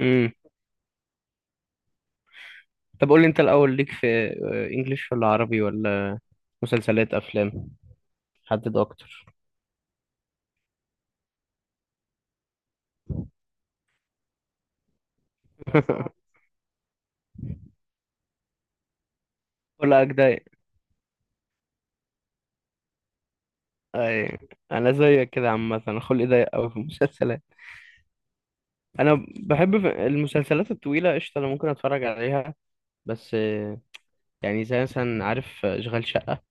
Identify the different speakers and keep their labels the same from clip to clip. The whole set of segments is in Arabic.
Speaker 1: امم طب قول لي انت الاول ليك في انجليش ولا عربي ولا مسلسلات افلام؟ حدد اكتر. ولا اجداي. اي، انا زيك كده عامه، انا خلقي ضيق قوي في المسلسلات. انا بحب المسلسلات الطويله قشطه، انا ممكن اتفرج عليها بس يعني زي مثلا عارف اشغال شقه.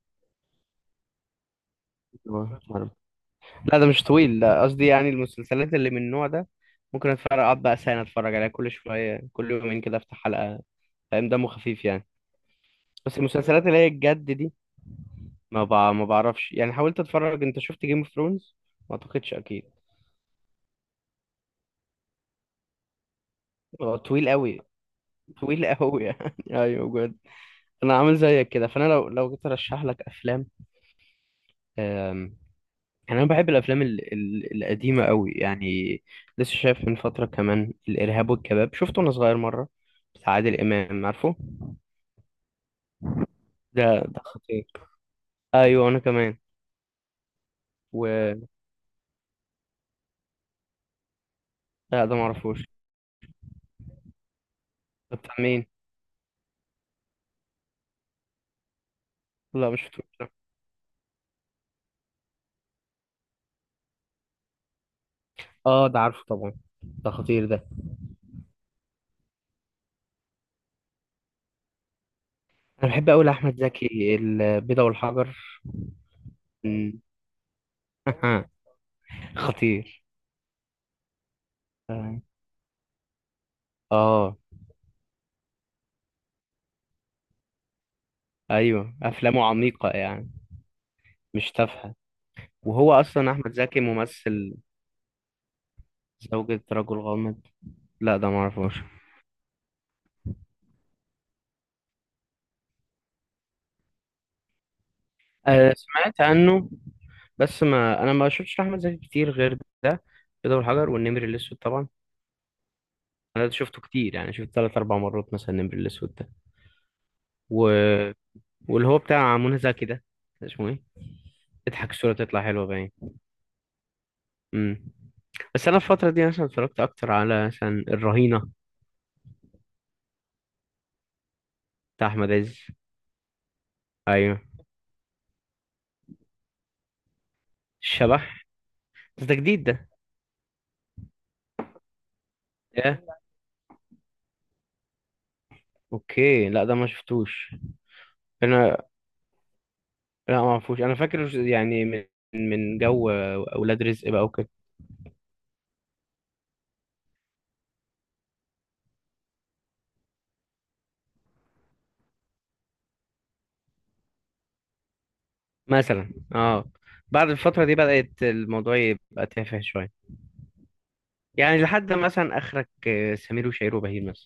Speaker 1: لا ده مش طويل، لا قصدي يعني المسلسلات اللي من النوع ده ممكن اتفرج، اقعد بقى سنه اتفرج عليها كل شويه، كل يومين كده افتح حلقه، فاهم، دمه خفيف يعني. بس المسلسلات اللي هي الجد دي ما بعرفش يعني، حاولت اتفرج. انت شفت جيم اوف ثرونز؟ ما اعتقدش، اكيد هو طويل قوي، طويل قوي يعني. ايوه بجد. انا عامل زيك كده، فانا لو جيت ارشح لك افلام. أم... يعني انا بحب الافلام القديمه قوي يعني. لسه شايف من فتره كمان الارهاب والكباب، شفته وانا صغير مره، بتاع عادل امام، عارفه ده؟ خطير. ايوه انا كمان. و، لا ده ما اعرفوش، ده بتاع مين؟ لا مش شفتوش ده. اه ده عارفه طبعا، ده خطير ده. انا بحب قوي احمد زكي، البيضة والحجر. مم. خطير. اه آه، ايوه افلامه عميقة يعني، مش تافهة. وهو اصلا احمد زكي ممثل. زوجة رجل غامض، لا ده ما اعرفوش. آه سمعت عنه، بس ما انا ما شفتش احمد زكي كتير غير ده، البيضة والحجر والنمر الاسود طبعا. انا ده شفته كتير، يعني شفت 3 4 مرات مثلا النمر الاسود ده. و... واللي هو بتاع منى زكي ده اسمه ايه؟ اضحك الصورة تطلع حلوة باين. امم بس انا الفتره دي مثلا اتفرجت اكتر على مثلا الرهينه، بتاع احمد عز. ايوه، الشبح. بس ده جديد ده. ايه؟ اوكي، لا ده ما شفتوش انا، لا ما اعرفوش. انا فاكر يعني من جو اولاد رزق بقى وكده مثلا. اه، بعد الفتره دي بدات الموضوع يبقى تافه شويه، يعني لحد مثلا اخرك سمير وشهير وبهير مثلا.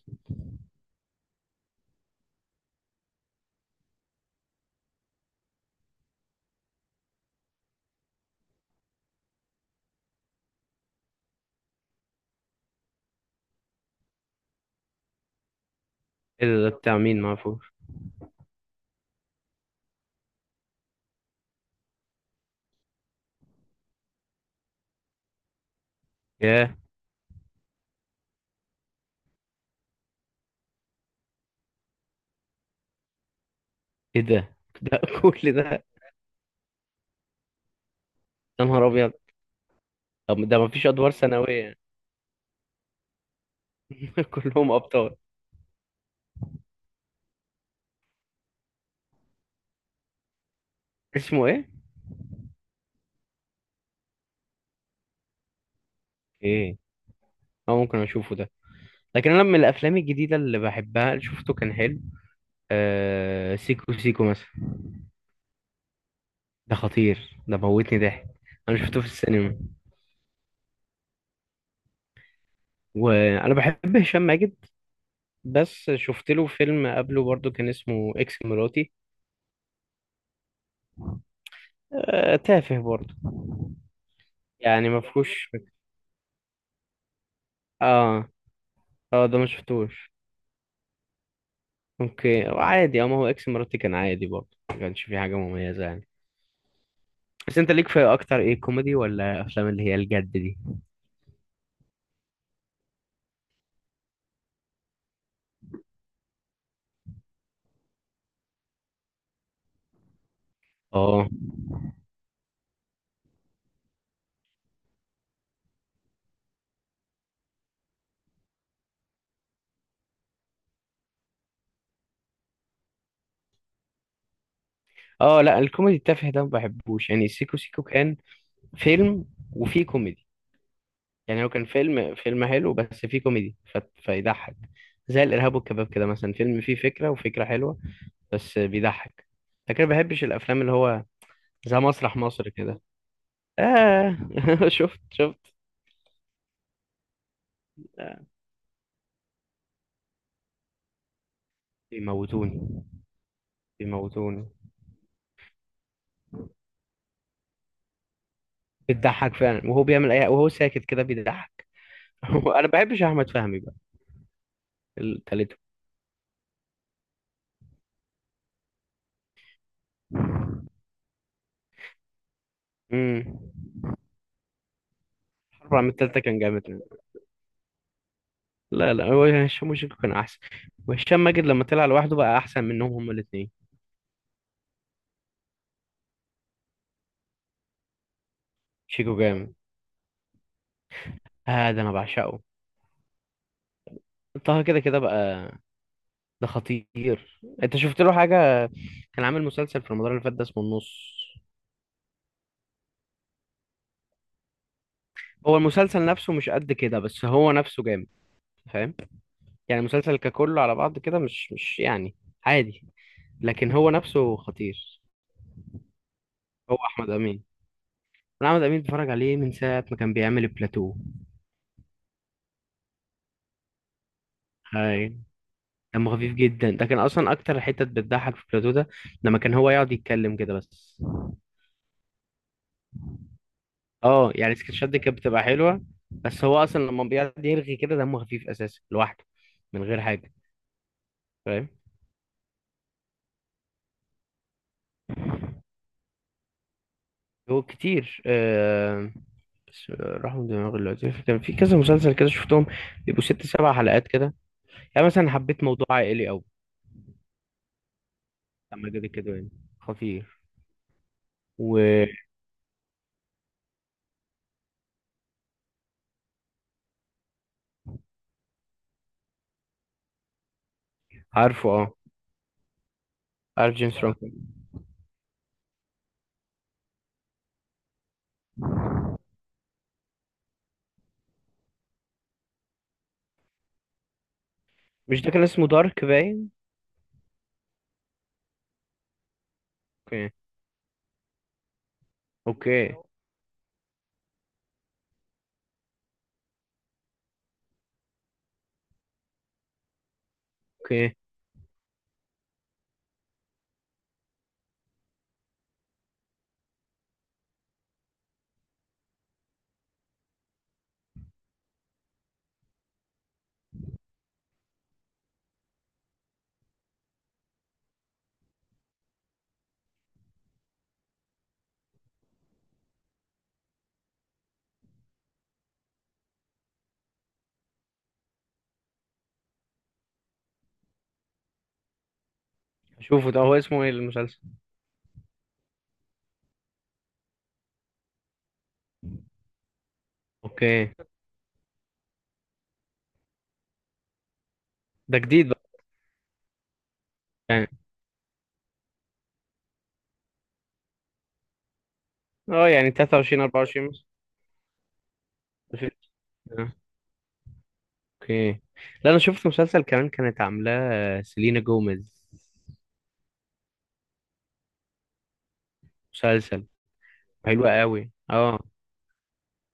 Speaker 1: ايه ده؟ بتاع مين؟ ما اعرفوش. ياه، ايه ده؟ ده كل ده؟ يا نهار ابيض. طب ده ما فيش ادوار ثانويه؟ كلهم ابطال. اسمه ايه؟ ايه. اه ممكن اشوفه ده. لكن انا من الافلام الجديده اللي بحبها اللي شفته كان حلو، آه سيكو سيكو مثلا. ده خطير ده، موتني ضحك. انا شفته في السينما. وانا بحب هشام ماجد، بس شفت له فيلم قبله برضو كان اسمه اكس مراتي. آه تافه برضو يعني، ما فيهوش. اه، اه ده ما شفتوش. اوكي، عادي. اه، ما هو اكس مراتي كان عادي برضو، ما كانش فيه حاجه مميزه يعني. بس انت ليك في اكتر ايه، كوميدي ولا افلام اللي هي الجد دي؟ اه، اه، لا الكوميدي التافه ده ما بحبوش، يعني سيكو سيكو كان فيلم وفيه كوميدي. يعني هو كان فيلم حلو بس فيه كوميدي، فيضحك. زي الارهاب والكباب كده مثلا، فيلم فيه فكره وفكره حلوه بس بيضحك، لكن ما بحبش الافلام اللي هو زي مسرح مصر كده. آه شفت شفت. آه. بيموتوني بيموتوني. بتضحك فعلا، وهو بيعمل اي وهو ساكت كده بيضحك. انا ما بحبش احمد فهمي بقى، التالتة. امم أربعة من التالتة كان جامد. لا لا، هو هشام وشيكو كان أحسن، وهشام ماجد لما طلع لوحده بقى أحسن منهم هما الاتنين. شيكو جامد. آه ده أنا بعشقه. طه كده كده بقى، ده خطير. أنت شفت له حاجة؟ كان عامل مسلسل في رمضان اللي فات ده اسمه النص. هو المسلسل نفسه مش قد كده، بس هو نفسه جامد، فاهم؟ يعني المسلسل ككله على بعض كده مش يعني عادي، لكن هو نفسه خطير. هو أحمد أمين، أنا أحمد أمين بتفرج عليه من ساعة ما كان بيعمل البلاتو. هاي، دمه خفيف جدا ده، كان اصلا اكتر حتت بتضحك في بلاتو ده لما كان هو يقعد يتكلم كده بس. اه يعني السكتشات دي كانت بتبقى حلوه، بس هو اصلا لما بيقعد يرغي كده دمه خفيف اساسا لوحده، من غير حاجه، فاهم؟ هو كتير بس راح من دماغي دلوقتي. كان في كذا مسلسل كده شفتهم، بيبقوا 6 7 حلقات كده، يعني مثلا حبيت موضوع عائلي قوي، لما جد كده يعني، خطير. وعارفه؟ اه عارف جيمس فرانكو؟ مش ده كان اسمه دارك باين؟ اوكي. اوكي. اوكي. اشوفه ده، هو اسمه ايه المسلسل؟ اوكي. ده جديد بقى يعني؟ اه يعني 23 24 مثلا، 2000. آه، اوكي. لا انا شفت مسلسل كمان كانت عاملاه سيلينا جوميز، مسلسل حلو قوي. اه،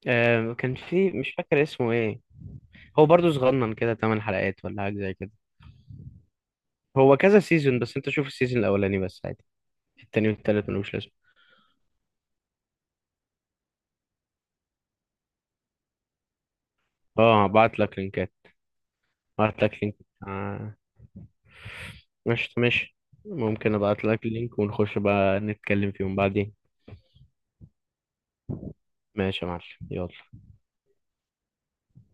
Speaker 1: كان في مش فاكر اسمه ايه. هو برضو صغنن كده، 8 حلقات ولا حاجه زي كده. هو كذا سيزون بس انت شوف السيزون الاولاني بس، عادي. التاني والتالت ملوش لازمه. اه بعت لك لينكات. بعت لك لينك. ماشي، ماشي. ممكن ابعت لك لينك ونخش بقى نتكلم فيهم بعدين. ماشي يا معلم. يلا.